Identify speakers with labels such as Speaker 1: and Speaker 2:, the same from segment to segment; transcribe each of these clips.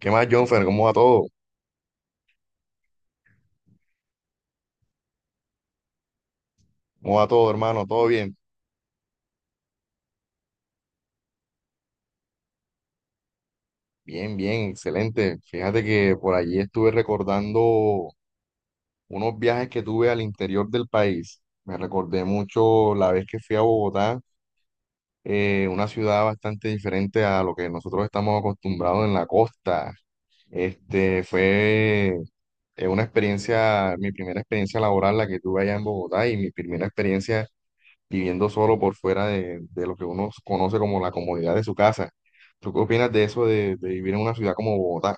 Speaker 1: ¿Qué más, Jonfer? ¿Cómo va todo? ¿Cómo va todo, hermano? ¿Todo bien? Bien, bien, excelente. Fíjate que por allí estuve recordando unos viajes que tuve al interior del país. Me recordé mucho la vez que fui a Bogotá, una ciudad bastante diferente a lo que nosotros estamos acostumbrados en la costa. Este fue una experiencia, mi primera experiencia laboral la que tuve allá en Bogotá y mi primera experiencia viviendo solo por fuera de lo que uno conoce como la comodidad de su casa. ¿Tú qué opinas de eso de vivir en una ciudad como Bogotá?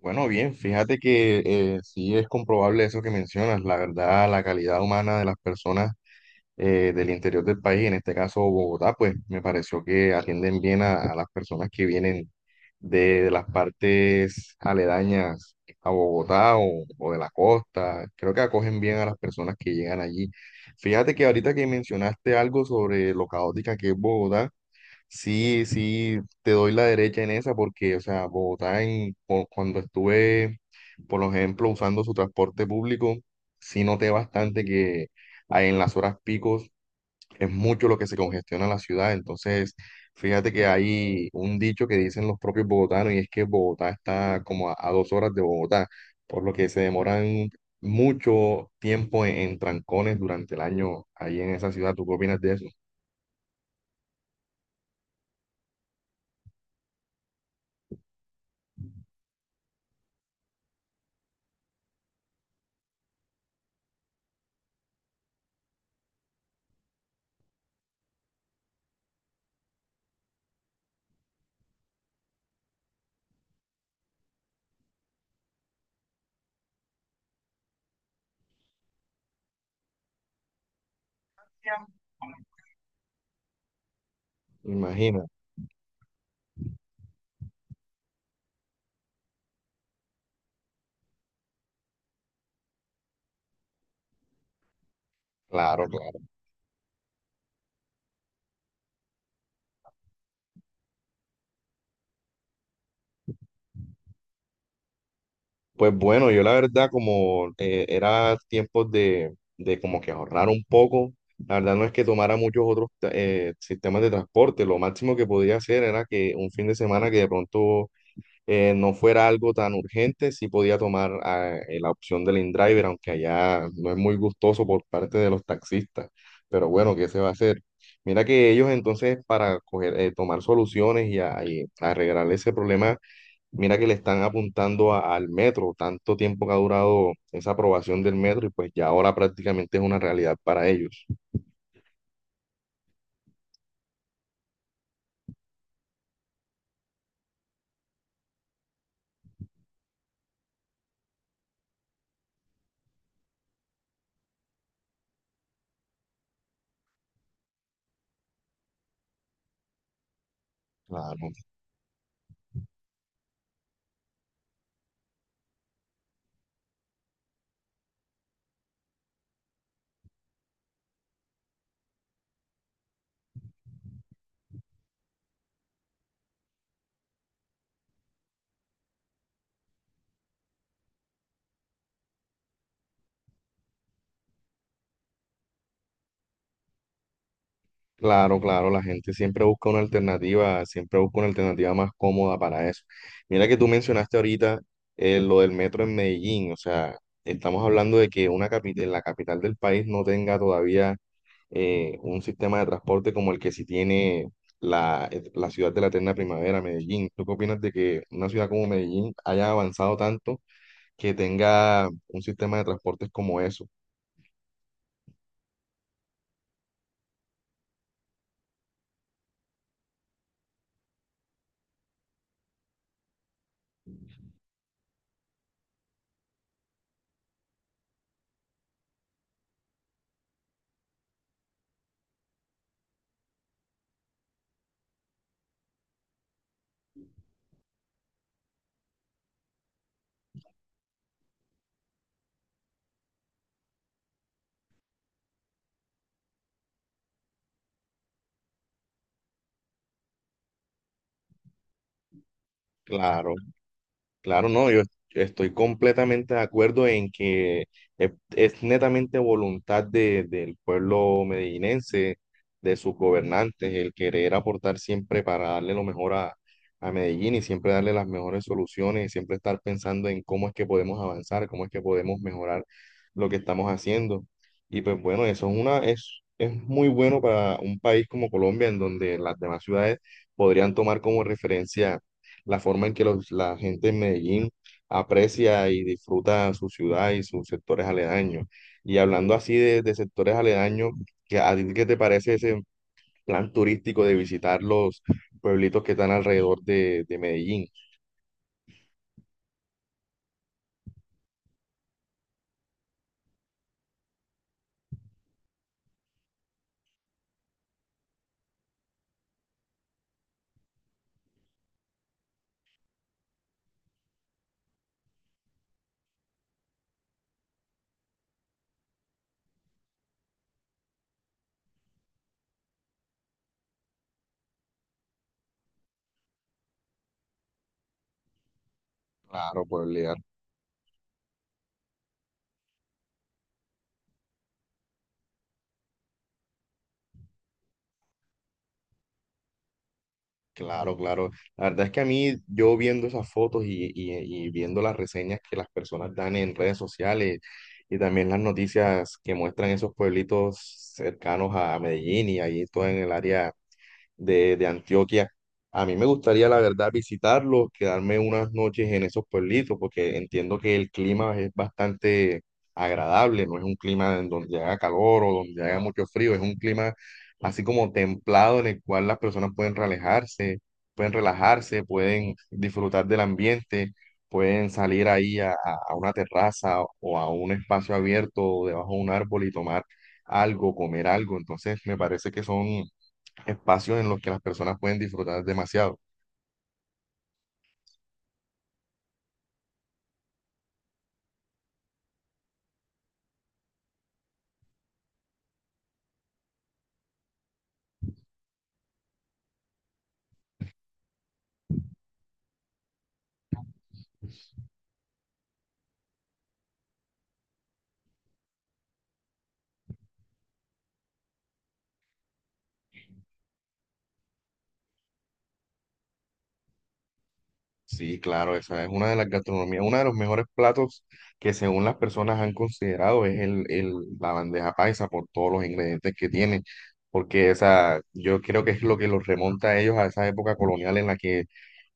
Speaker 1: Bueno, bien, fíjate que sí es comprobable eso que mencionas. La verdad, la calidad humana de las personas del interior del país, en este caso Bogotá, pues me pareció que atienden bien a las personas que vienen de las partes aledañas a Bogotá o de la costa. Creo que acogen bien a las personas que llegan allí. Fíjate que ahorita que mencionaste algo sobre lo caótica que es Bogotá, sí, sí, te doy la derecha en esa porque, o sea, Bogotá en, cuando estuve, por ejemplo, usando su transporte público, sí noté bastante que... Ahí en las horas picos es mucho lo que se congestiona la ciudad. Entonces, fíjate que hay un dicho que dicen los propios bogotanos y es que Bogotá está como a dos horas de Bogotá, por lo que se demoran mucho tiempo en trancones durante el año ahí en esa ciudad. ¿Tú qué opinas de eso? Imagina. Claro, claro. Pues bueno, yo la verdad como era tiempo de como que ahorrar un poco, la verdad no es que tomara muchos otros sistemas de transporte, lo máximo que podía hacer era que un fin de semana que de pronto no fuera algo tan urgente, sí podía tomar la opción del InDriver, aunque allá no es muy gustoso por parte de los taxistas. Pero bueno, ¿qué se va a hacer? Mira que ellos entonces para coger, tomar soluciones y, y arreglar ese problema, mira que le están apuntando al metro, tanto tiempo que ha durado esa aprobación del metro y pues ya ahora prácticamente es una realidad para ellos. Claro. Claro, claro, la gente siempre busca una alternativa, siempre busca una alternativa más cómoda para eso. Mira que tú mencionaste ahorita lo del metro en Medellín, o sea, estamos hablando de que una capital, la capital del país no tenga todavía un sistema de transporte como el que sí tiene la, la ciudad de la eterna primavera, Medellín. ¿Tú qué opinas de que una ciudad como Medellín haya avanzado tanto que tenga un sistema de transportes como eso? Claro. Claro, no, yo estoy completamente de acuerdo en que es netamente voluntad del pueblo medellinense, de sus gobernantes, el querer aportar siempre para darle lo mejor a Medellín y siempre darle las mejores soluciones y siempre estar pensando en cómo es que podemos avanzar, cómo es que podemos mejorar lo que estamos haciendo. Y pues bueno, eso es una, es muy bueno para un país como Colombia, en donde las demás ciudades podrían tomar como referencia la forma en que la gente en Medellín aprecia y disfruta su ciudad y sus sectores aledaños. Y hablando así de sectores aledaños, ¿a ti qué te parece ese plan turístico de visitar los pueblitos que están alrededor de Medellín? Claro, pueblear. Claro, claro. La verdad es que a mí, yo viendo esas fotos y viendo las reseñas que las personas dan en redes sociales, y también las noticias que muestran esos pueblitos cercanos a Medellín y ahí todo en el área de Antioquia. A mí me gustaría, la verdad, visitarlos, quedarme unas noches en esos pueblitos, porque entiendo que el clima es bastante agradable, no es un clima en donde haga calor o donde haga mucho frío, es un clima así como templado en el cual las personas pueden relajarse, pueden relajarse, pueden disfrutar del ambiente, pueden salir ahí a, a una terraza o a un espacio abierto o debajo de un árbol y tomar algo, comer algo. Entonces, me parece que son espacios en los que las personas pueden disfrutar demasiado. Sí, claro, esa es una de las gastronomías, uno de los mejores platos que según las personas han considerado es la bandeja paisa por todos los ingredientes que tiene, porque esa, yo creo que es lo que los remonta a ellos a esa época colonial en la que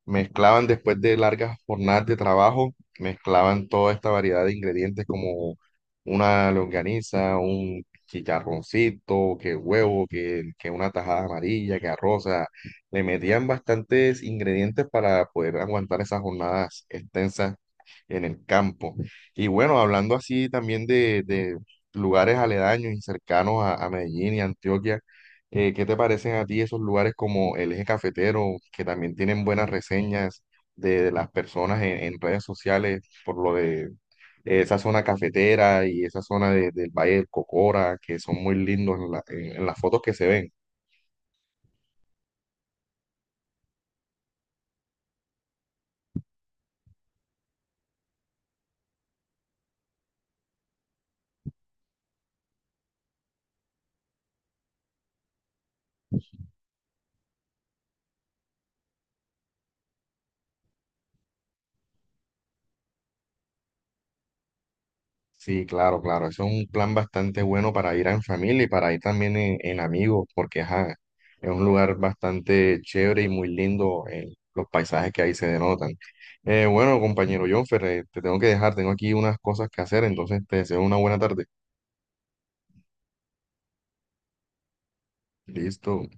Speaker 1: mezclaban después de largas jornadas de trabajo, mezclaban toda esta variedad de ingredientes como una longaniza, un chicharroncito, que huevo, que una tajada amarilla, que arroz, o sea, le metían bastantes ingredientes para poder aguantar esas jornadas extensas en el campo. Y bueno, hablando así también de lugares aledaños y cercanos a Medellín y Antioquia, ¿qué te parecen a ti esos lugares como el Eje Cafetero, que también tienen buenas reseñas de las personas en redes sociales por lo de esa zona cafetera y esa zona del Valle del Cocora, que son muy lindos en la- en las fotos que se ven? Sí, claro, claro. Eso es un plan bastante bueno para ir en familia y para ir también en amigos, porque ajá, es un lugar bastante chévere y muy lindo, los paisajes que ahí se denotan. Bueno, compañero Jonfer, te tengo que dejar, tengo aquí unas cosas que hacer, entonces te deseo una buena tarde. Listo.